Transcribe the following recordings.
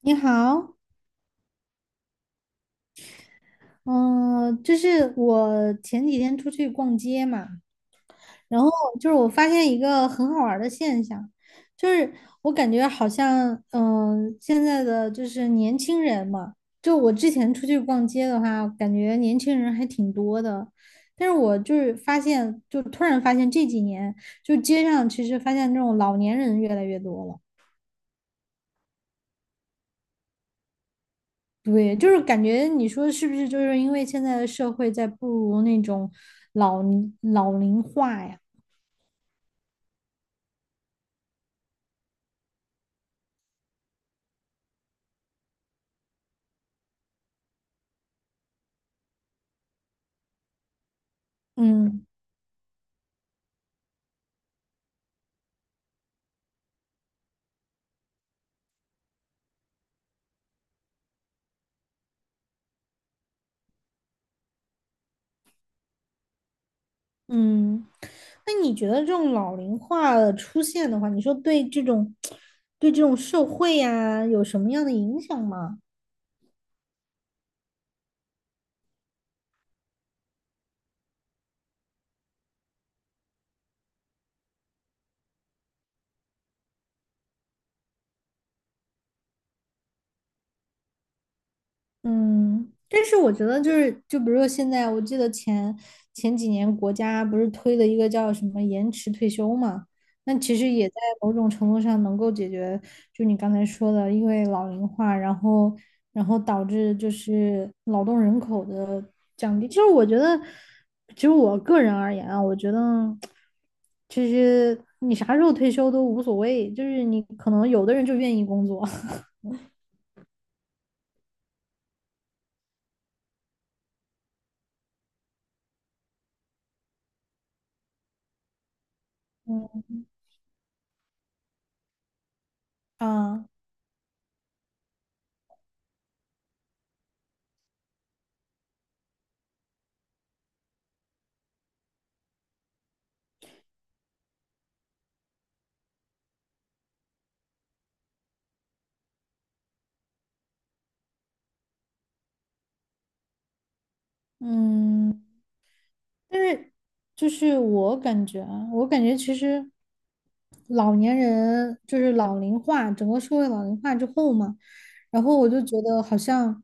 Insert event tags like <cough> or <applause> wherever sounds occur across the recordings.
你好，嗯、就是我前几天出去逛街嘛，然后我发现一个很好玩儿的现象。就是我感觉好像，现在的就是年轻人嘛，就我之前出去逛街的话，感觉年轻人还挺多的，但是我发现，就突然发现这几年，就街上其实发现这种老年人越来越多了。对，就是感觉你说是不是就是因为现在的社会在步入那种老龄化呀？嗯。嗯，那你觉得这种老龄化的出现的话，你说对这种对这种社会呀，有什么样的影响吗？嗯，但是我觉得就是，就比如说现在，我记得前几年国家不是推了一个叫什么延迟退休嘛，那其实也在某种程度上能够解决，就你刚才说的，因为老龄化，然后导致就是劳动人口的降低。其实我觉得，其实我个人而言啊，我觉得其实你啥时候退休都无所谓，就是你可能有的人就愿意工作。 <laughs> 啊，嗯。但是就是我感觉啊，我感觉其实老年人就是老龄化，整个社会老龄化之后嘛，然后我就觉得好像，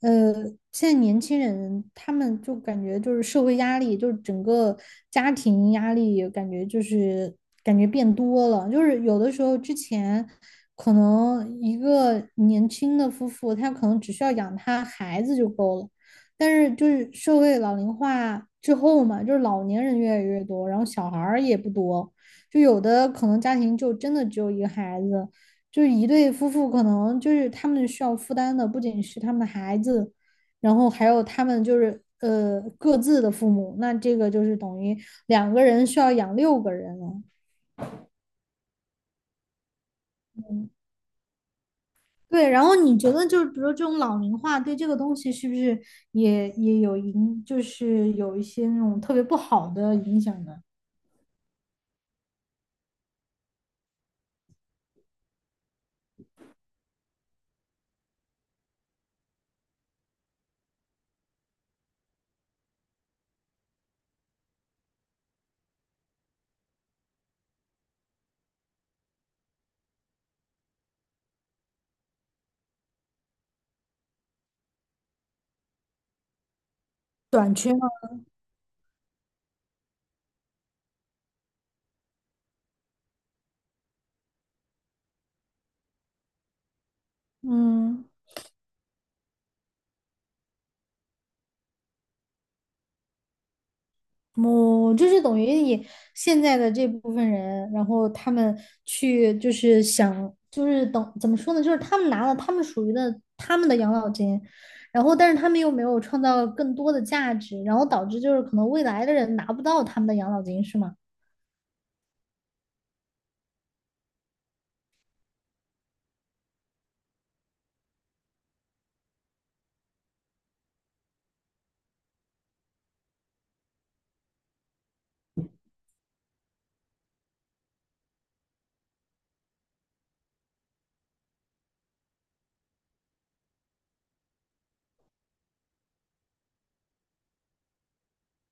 呃，现在年轻人他们就感觉就是社会压力，就是整个家庭压力，感觉就是感觉变多了，就是有的时候之前。可能一个年轻的夫妇，他可能只需要养他孩子就够了，但是就是社会老龄化之后嘛，就是老年人越来越多，然后小孩儿也不多，就有的可能家庭就真的只有一个孩子，就是一对夫妇可能就是他们需要负担的不仅是他们的孩子，然后还有他们就是各自的父母，那这个就是等于两个人需要养六个人了。对，然后你觉得就是比如说这种老龄化对这个东西是不是也有影，就是有一些那种特别不好的影响呢？短缺吗？嗯，我就是等于你现在的这部分人，然后他们去就是想就是等怎么说呢，就是他们拿了他们属于的他们的养老金，然后但是他们又没有创造更多的价值，然后导致就是可能未来的人拿不到他们的养老金，是吗？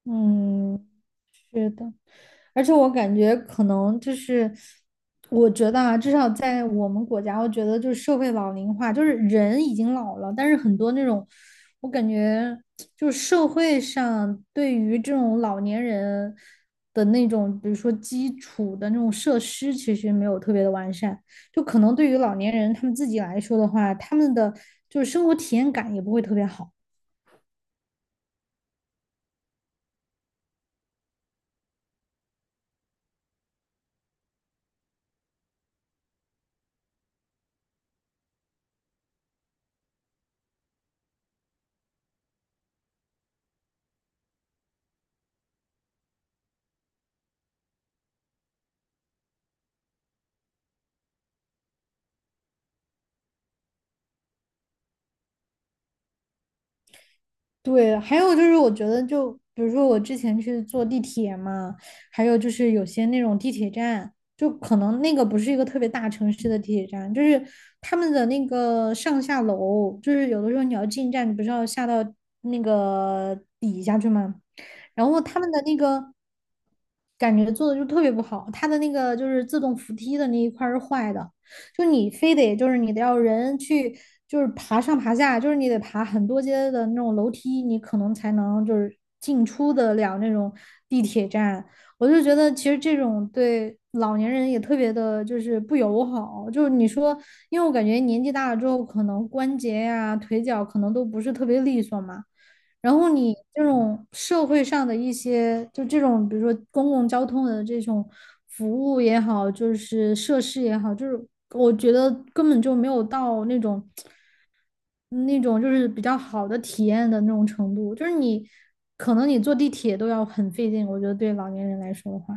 嗯，是的，而且我感觉可能就是，我觉得啊，至少在我们国家，我觉得就是社会老龄化，就是人已经老了，但是很多那种，我感觉就是社会上对于这种老年人的那种，比如说基础的那种设施，其实没有特别的完善，就可能对于老年人他们自己来说的话，他们的就是生活体验感也不会特别好。对，还有就是我觉得就比如说我之前去坐地铁嘛，还有就是有些那种地铁站，就可能那个不是一个特别大城市的地铁站，就是他们的那个上下楼，就是有的时候你要进站，你不是要下到那个底下去吗？然后他们的那个感觉做的就特别不好，他的那个就是自动扶梯的那一块儿是坏的，就你非得就是你得要人去就是爬上爬下，就是你得爬很多阶的那种楼梯，你可能才能就是进出得了那种地铁站。我就觉得其实这种对老年人也特别的，就是不友好。就是你说，因为我感觉年纪大了之后，可能关节呀、腿脚可能都不是特别利索嘛。然后你这种社会上的一些，就这种，比如说公共交通的这种服务也好，就是设施也好，就是我觉得根本就没有到那种就是比较好的体验的那种程度。就是你可能你坐地铁都要很费劲，我觉得对老年人来说的话，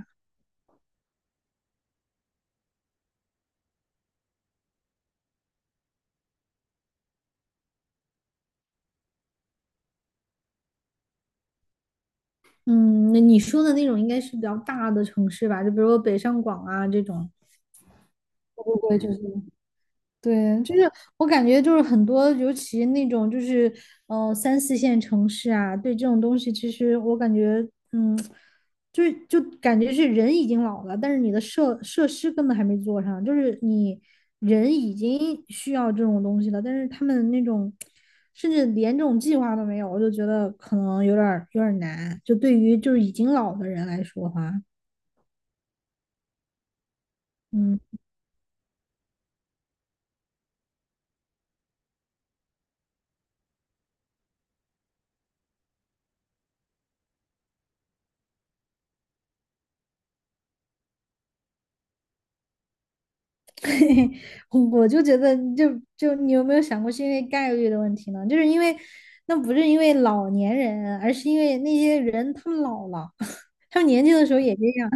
嗯，那你说的那种应该是比较大的城市吧，就比如说北上广啊这种，会不会就是？对，就是我感觉就是很多，尤其那种就是三四线城市啊，对这种东西，其实我感觉，嗯，就是就感觉是人已经老了，但是你的设施根本还没做上，就是你人已经需要这种东西了，但是他们那种甚至连这种计划都没有，我就觉得可能有点儿难，就对于就是已经老的人来说的话，嗯。 <laughs> 我就觉得就，就你有没有想过，是因为概率的问题呢？就是因为那不是因为老年人，而是因为那些人他们老了，<laughs> 他们年轻的时候也这样，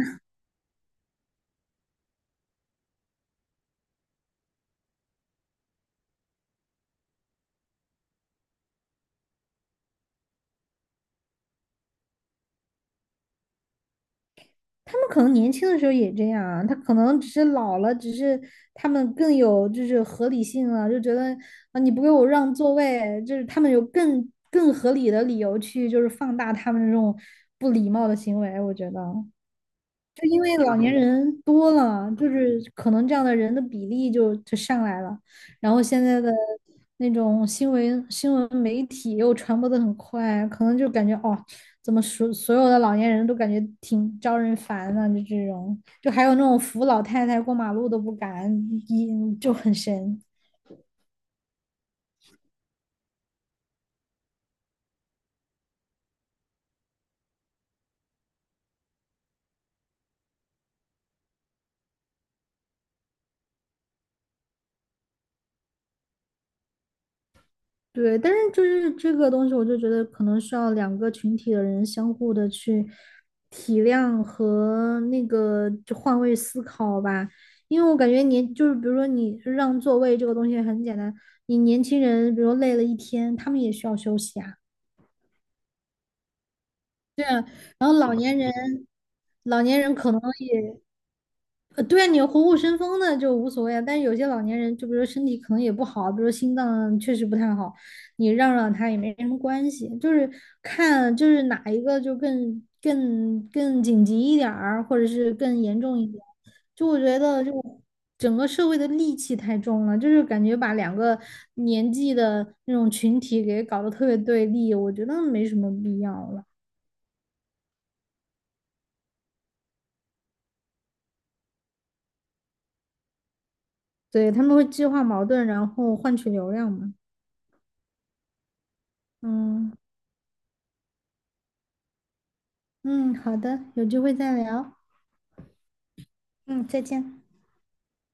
他们可能年轻的时候也这样啊，他可能只是老了，只是他们更有就是合理性了，就觉得啊你不给我让座位，就是他们有更合理的理由去就是放大他们这种不礼貌的行为，我觉得。就因为老年人多了，就是可能这样的人的比例就上来了，然后现在的那种新闻媒体又传播的很快，可能就感觉哦，怎么所有的老年人都感觉挺招人烦的，就这种，就还有那种扶老太太过马路都不敢，一就很神。对，但是就是这个东西，我就觉得可能需要两个群体的人相互的去体谅和那个就换位思考吧。因为我感觉年就是比如说你让座位这个东西很简单，你年轻人比如说累了一天，他们也需要休息啊。然后老年人，老年人可能也对啊，你虎虎生风的就无所谓啊，但是有些老年人，就比如说身体可能也不好，比如说心脏确实不太好，你让他也没什么关系，就是看就是哪一个就更紧急一点儿，或者是更严重一点。就我觉得，就整个社会的戾气太重了，就是感觉把两个年纪的那种群体给搞得特别对立，我觉得没什么必要了。对，他们会激化矛盾，然后换取流量嘛。嗯。嗯，好的，有机会再聊。嗯，再见。